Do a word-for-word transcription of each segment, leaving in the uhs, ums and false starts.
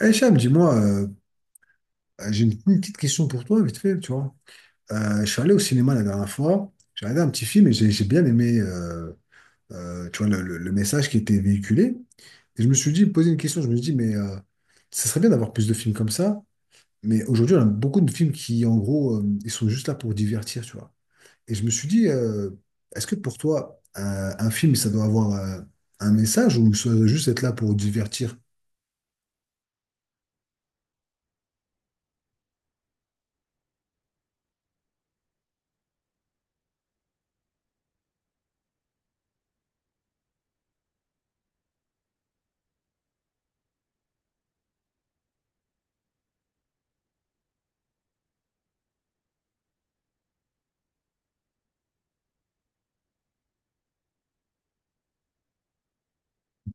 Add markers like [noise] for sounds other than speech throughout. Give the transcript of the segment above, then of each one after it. Eh Cham, dis-moi, euh, j'ai une, une petite question pour toi, vite fait, tu vois. Euh, je suis allé au cinéma la dernière fois, j'ai regardé un petit film et j'ai j'ai bien aimé euh, euh, tu vois, le, le- le message qui était véhiculé. Et je me suis dit, poser une question, je me suis dit, mais euh, ça serait bien d'avoir plus de films comme ça, mais aujourd'hui, on a beaucoup de films qui, en gros, euh, ils sont juste là pour divertir, tu vois. Et je me suis dit, euh, est-ce que pour toi, un, un film, ça doit avoir euh, un message ou ça doit juste être là pour divertir?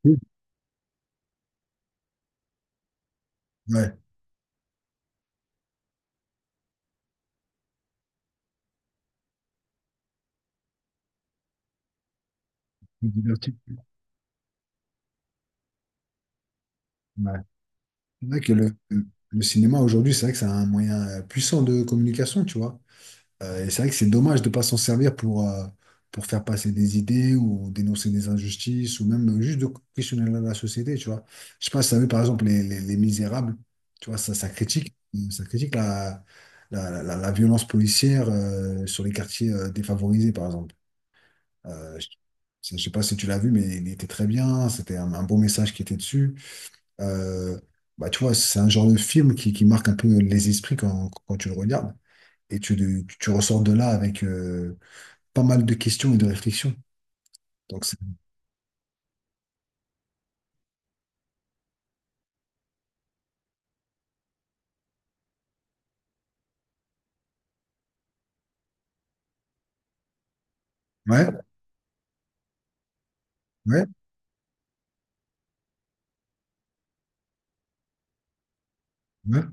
Oui. Ouais, pour divertir. Ouais. C'est vrai que le, le cinéma aujourd'hui, c'est vrai que c'est un moyen euh, puissant de communication, tu vois. Euh, et c'est vrai que c'est dommage de ne pas s'en servir pour, euh, pour faire passer des idées ou dénoncer des injustices ou même euh, juste de questionner la, la société, tu vois. Je sais pas si tu as vu par exemple Les, les, Les Misérables, tu vois, ça, ça critique, euh, ça critique la, la, la, la- la violence policière euh, sur les quartiers euh, défavorisés, par exemple. Euh, je, je sais pas si tu l'as vu, mais il était très bien, c'était un, un beau message qui était dessus. Euh, Bah, tu vois, c'est un genre de film qui, qui marque un peu les esprits quand, quand tu le regardes. Et tu, le- tu ressors de là avec euh, pas mal de questions et de réflexions. Donc, c'est- ouais, ouais, ouais.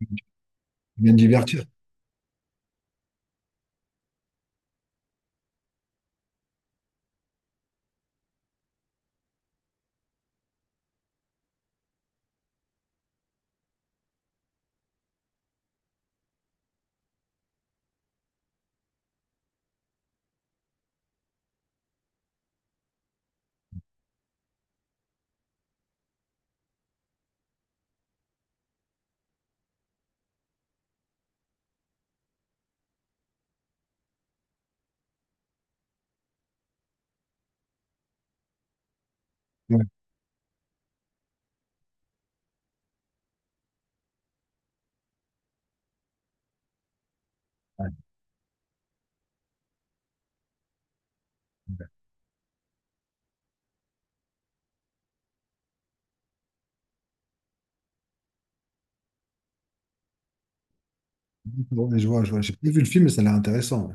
Tu viens de divertir. Ouais, ouais, ouais. Ouais, je vois, je vois. J'ai pas vu le film, mais ça a l'air intéressant. Ouais.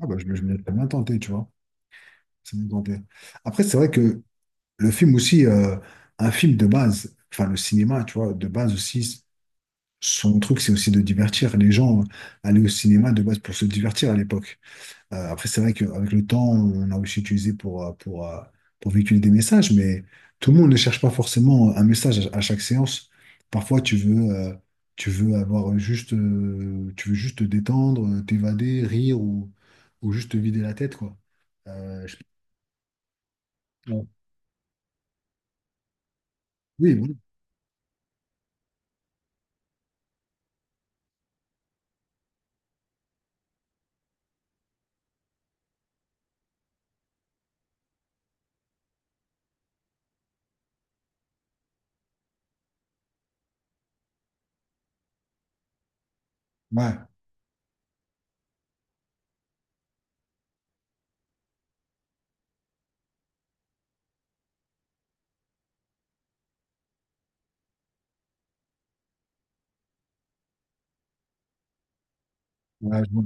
Ah, bah, je me je me laisse bien tenté, tu vois. C'est bien tenté. Après, c'est vrai que le film aussi, euh, un film de base, enfin, le cinéma, tu vois, de base aussi, son truc, c'est aussi de divertir les gens. euh, Aller au cinéma de base pour se divertir à l'époque. Euh, après, c'est vrai qu'avec le temps, on a aussi utilisé pour, euh, pour, euh, pour véhiculer des messages, mais tout le monde ne cherche pas forcément un message à, à chaque séance. Parfois, tu veux, euh, tu veux avoir juste, euh, tu veux juste te détendre, euh, t'évader, rire ou, ou juste te vider la tête, quoi. Euh, je- Ouais. Oui, voilà. Ouais. Ouais, je vois.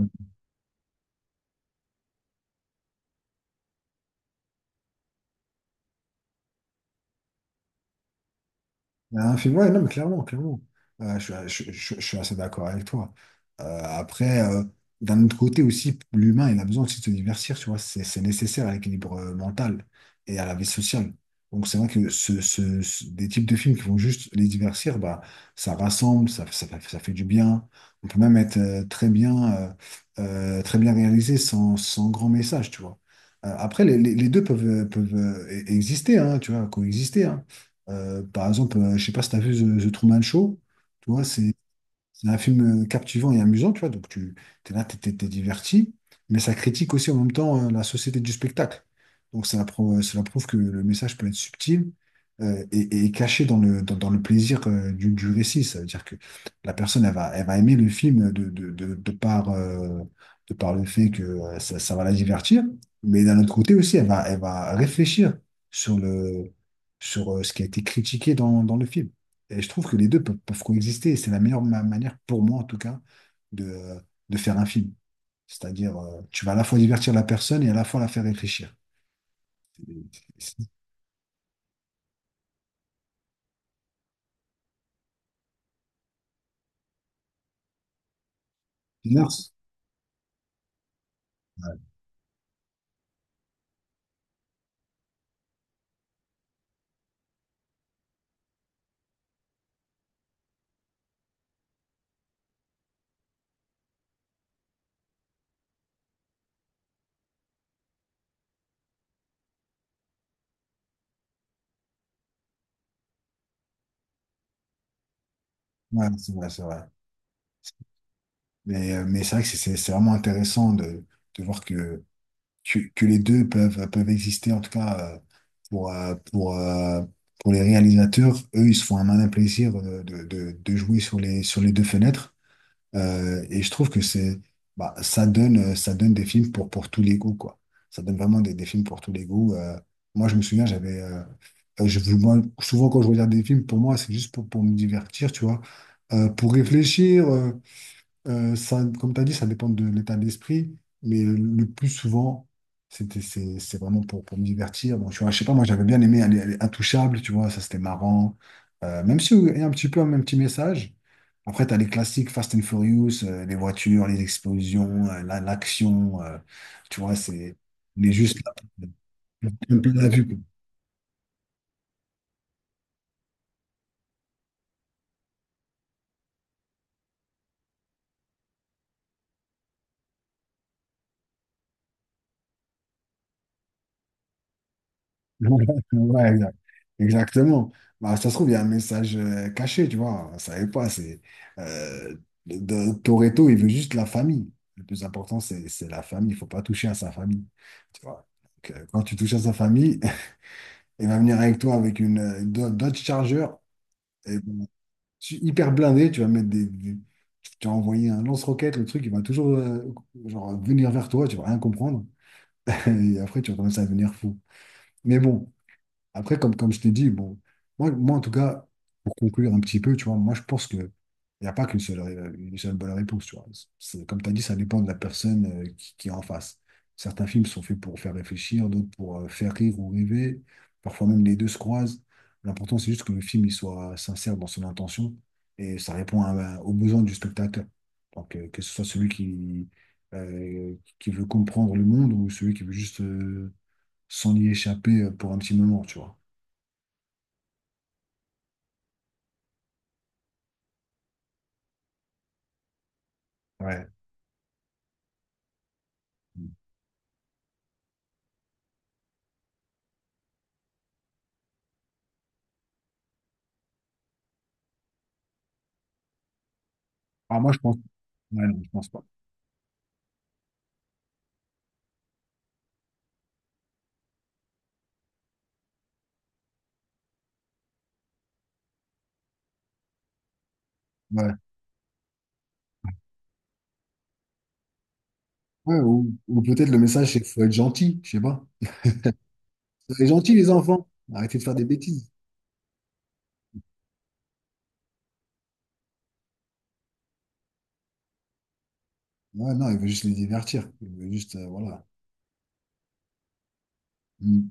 Un film, ouais, non, mais clairement, clairement. Euh, je, suis je- je- je suis assez d'accord avec toi. Euh, après, euh, d'un autre côté aussi, l'humain, il a besoin aussi de se divertir, tu vois. C'est c'est nécessaire à l'équilibre euh, mental et à la vie sociale. Donc, c'est vrai que ce, ce- ce- des types de films qui vont juste les divertir, bah, ça rassemble, ça, ça, fait ça fait du bien. On peut même être euh, très bien, euh, euh, très bien réalisé sans, sans grand message, tu vois. Euh, après, les, les- les deux peuvent, peuvent euh, e-, exister, hein, tu vois, coexister, hein. Euh, par exemple, euh, je sais pas si tu as vu The, The Truman Show, tu vois, c'est c'est un film euh, captivant et amusant, tu vois. Donc, tu es là, tu es, diverti, mais ça critique aussi en même temps euh, la société du spectacle. Donc, c'est la prou- c'est la que le message peut être subtil euh, et, et caché dans le, dans, dans le plaisir euh, du, du récit. Ça veut dire que la personne, elle va, elle va aimer le film de, de, de, de par, euh, de par le fait que euh, ça, ça va la divertir, mais d'un autre côté aussi, elle va, elle va réfléchir sur le, sur euh, ce qui a été critiqué dans, dans le film. Et je trouve que les deux peuvent, peuvent coexister. Et c'est la meilleure ma- manière, pour moi en tout cas, de, de faire un film. C'est-à-dire, euh, tu vas à la fois divertir la personne et à la fois la faire réfléchir. C'est c'est- une art. Ouais, ouais, c'est vrai, c'est vrai. Mais, euh, mais c'est vrai que c'est c'est- c'est vraiment intéressant de, de voir que, que, que les deux peuvent, peuvent exister, en tout cas euh, pour, euh, pour, euh, pour les réalisateurs. Eux, ils se font un malin plaisir euh, de, de, de jouer sur les, sur les deux fenêtres. Euh, et je trouve que c'est, bah, ça donne, euh, ça donne des films pour, pour tous les goûts, quoi. Ça donne vraiment des, des films pour tous les goûts. Euh, moi, je me souviens, j'avais, euh, euh, je, vous- moi, souvent quand je regarde des films, pour moi, c'est juste pour, pour me divertir, tu vois. Euh, pour réfléchir. Euh, euh, ça, comme tu as dit, ça dépend de l'état d'esprit, mais le le plus souvent, c'était, c'est, c'est vraiment pour, pour me divertir. Bon, tu vois, je sais pas, moi j'avais bien aimé aller, aller Intouchable, tu vois, ça c'était marrant. Euh, même si euh, il y a un petit peu un même petit message. Après, tu as les classiques Fast and Furious, euh, les voitures, les explosions, euh, la- l'action, euh, tu vois, c'est, on est juste là, un peu la vue. [laughs] Ouais, exact. Exactement. Bah, ça se trouve, il y a un message euh, caché, tu vois. On ne savait pas. C'est, euh, de, de- Toretto, il veut juste la famille. Le plus important, c'est c'est la famille. Il ne faut pas toucher à sa famille. Tu vois. Donc, euh, quand tu touches à sa famille, [laughs] il va venir avec toi avec une, euh, Do- Dodge Charger et, bon, tu- hyper blindé. Tu vas mettre des, des- tu vas envoyer un lance-roquette. Le truc, il va toujours euh, genre, venir vers toi. Tu vas rien comprendre. [laughs] Et après, tu vas commencer à devenir fou. Mais bon. Après, comme, comme je t'ai dit, bon, moi, moi, en tout cas, pour conclure un petit peu, tu vois, moi, je pense que il n'y a pas qu'une seule, euh, une seule bonne réponse, tu vois. C'est- comme tu as dit, ça dépend de la personne euh, qui, qui est en face. Certains films sont faits pour faire réfléchir, d'autres pour euh, faire rire ou rêver. Parfois même les deux se croisent. L'important, c'est juste que le film il soit sincère dans son intention et ça répond à- aux besoins du spectateur. Donc, euh, que ce soit celui qui, euh, qui veut comprendre le monde ou celui qui veut juste euh, s'en y échapper euh, pour un petit moment, tu vois. Ouais. Ah, moi, je pense. Ouais, non, je pense pas. Ouais. Ouais, ou ou peut-être le message, c'est qu'il faut être gentil, je sais pas. Soyez gentils, les enfants. Arrêtez de faire des bêtises. Ouais, non, il veut juste les divertir. Il veut juste, euh, voilà. Mm.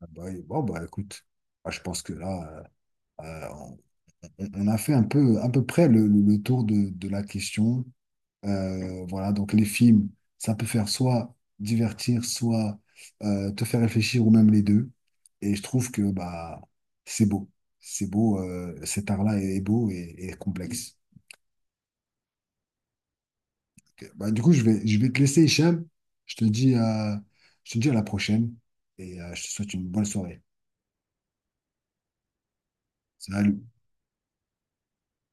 Ah bah, et- bon, bah, écoute, bah, je pense que là, euh, euh, on, on a fait un peu, à peu près le, le- le tour de, de la question. Euh, voilà, donc les films, ça peut faire soit divertir, soit euh, te faire réfléchir, ou même les deux. Et je trouve que bah, c'est beau. C'est beau, euh, cet art-là est est beau et, et complexe. Ok. Bah, du coup, je vais, je vais te laisser, Hicham. Je te dis, euh, je te dis à la prochaine et euh, je te souhaite une bonne soirée. Salut.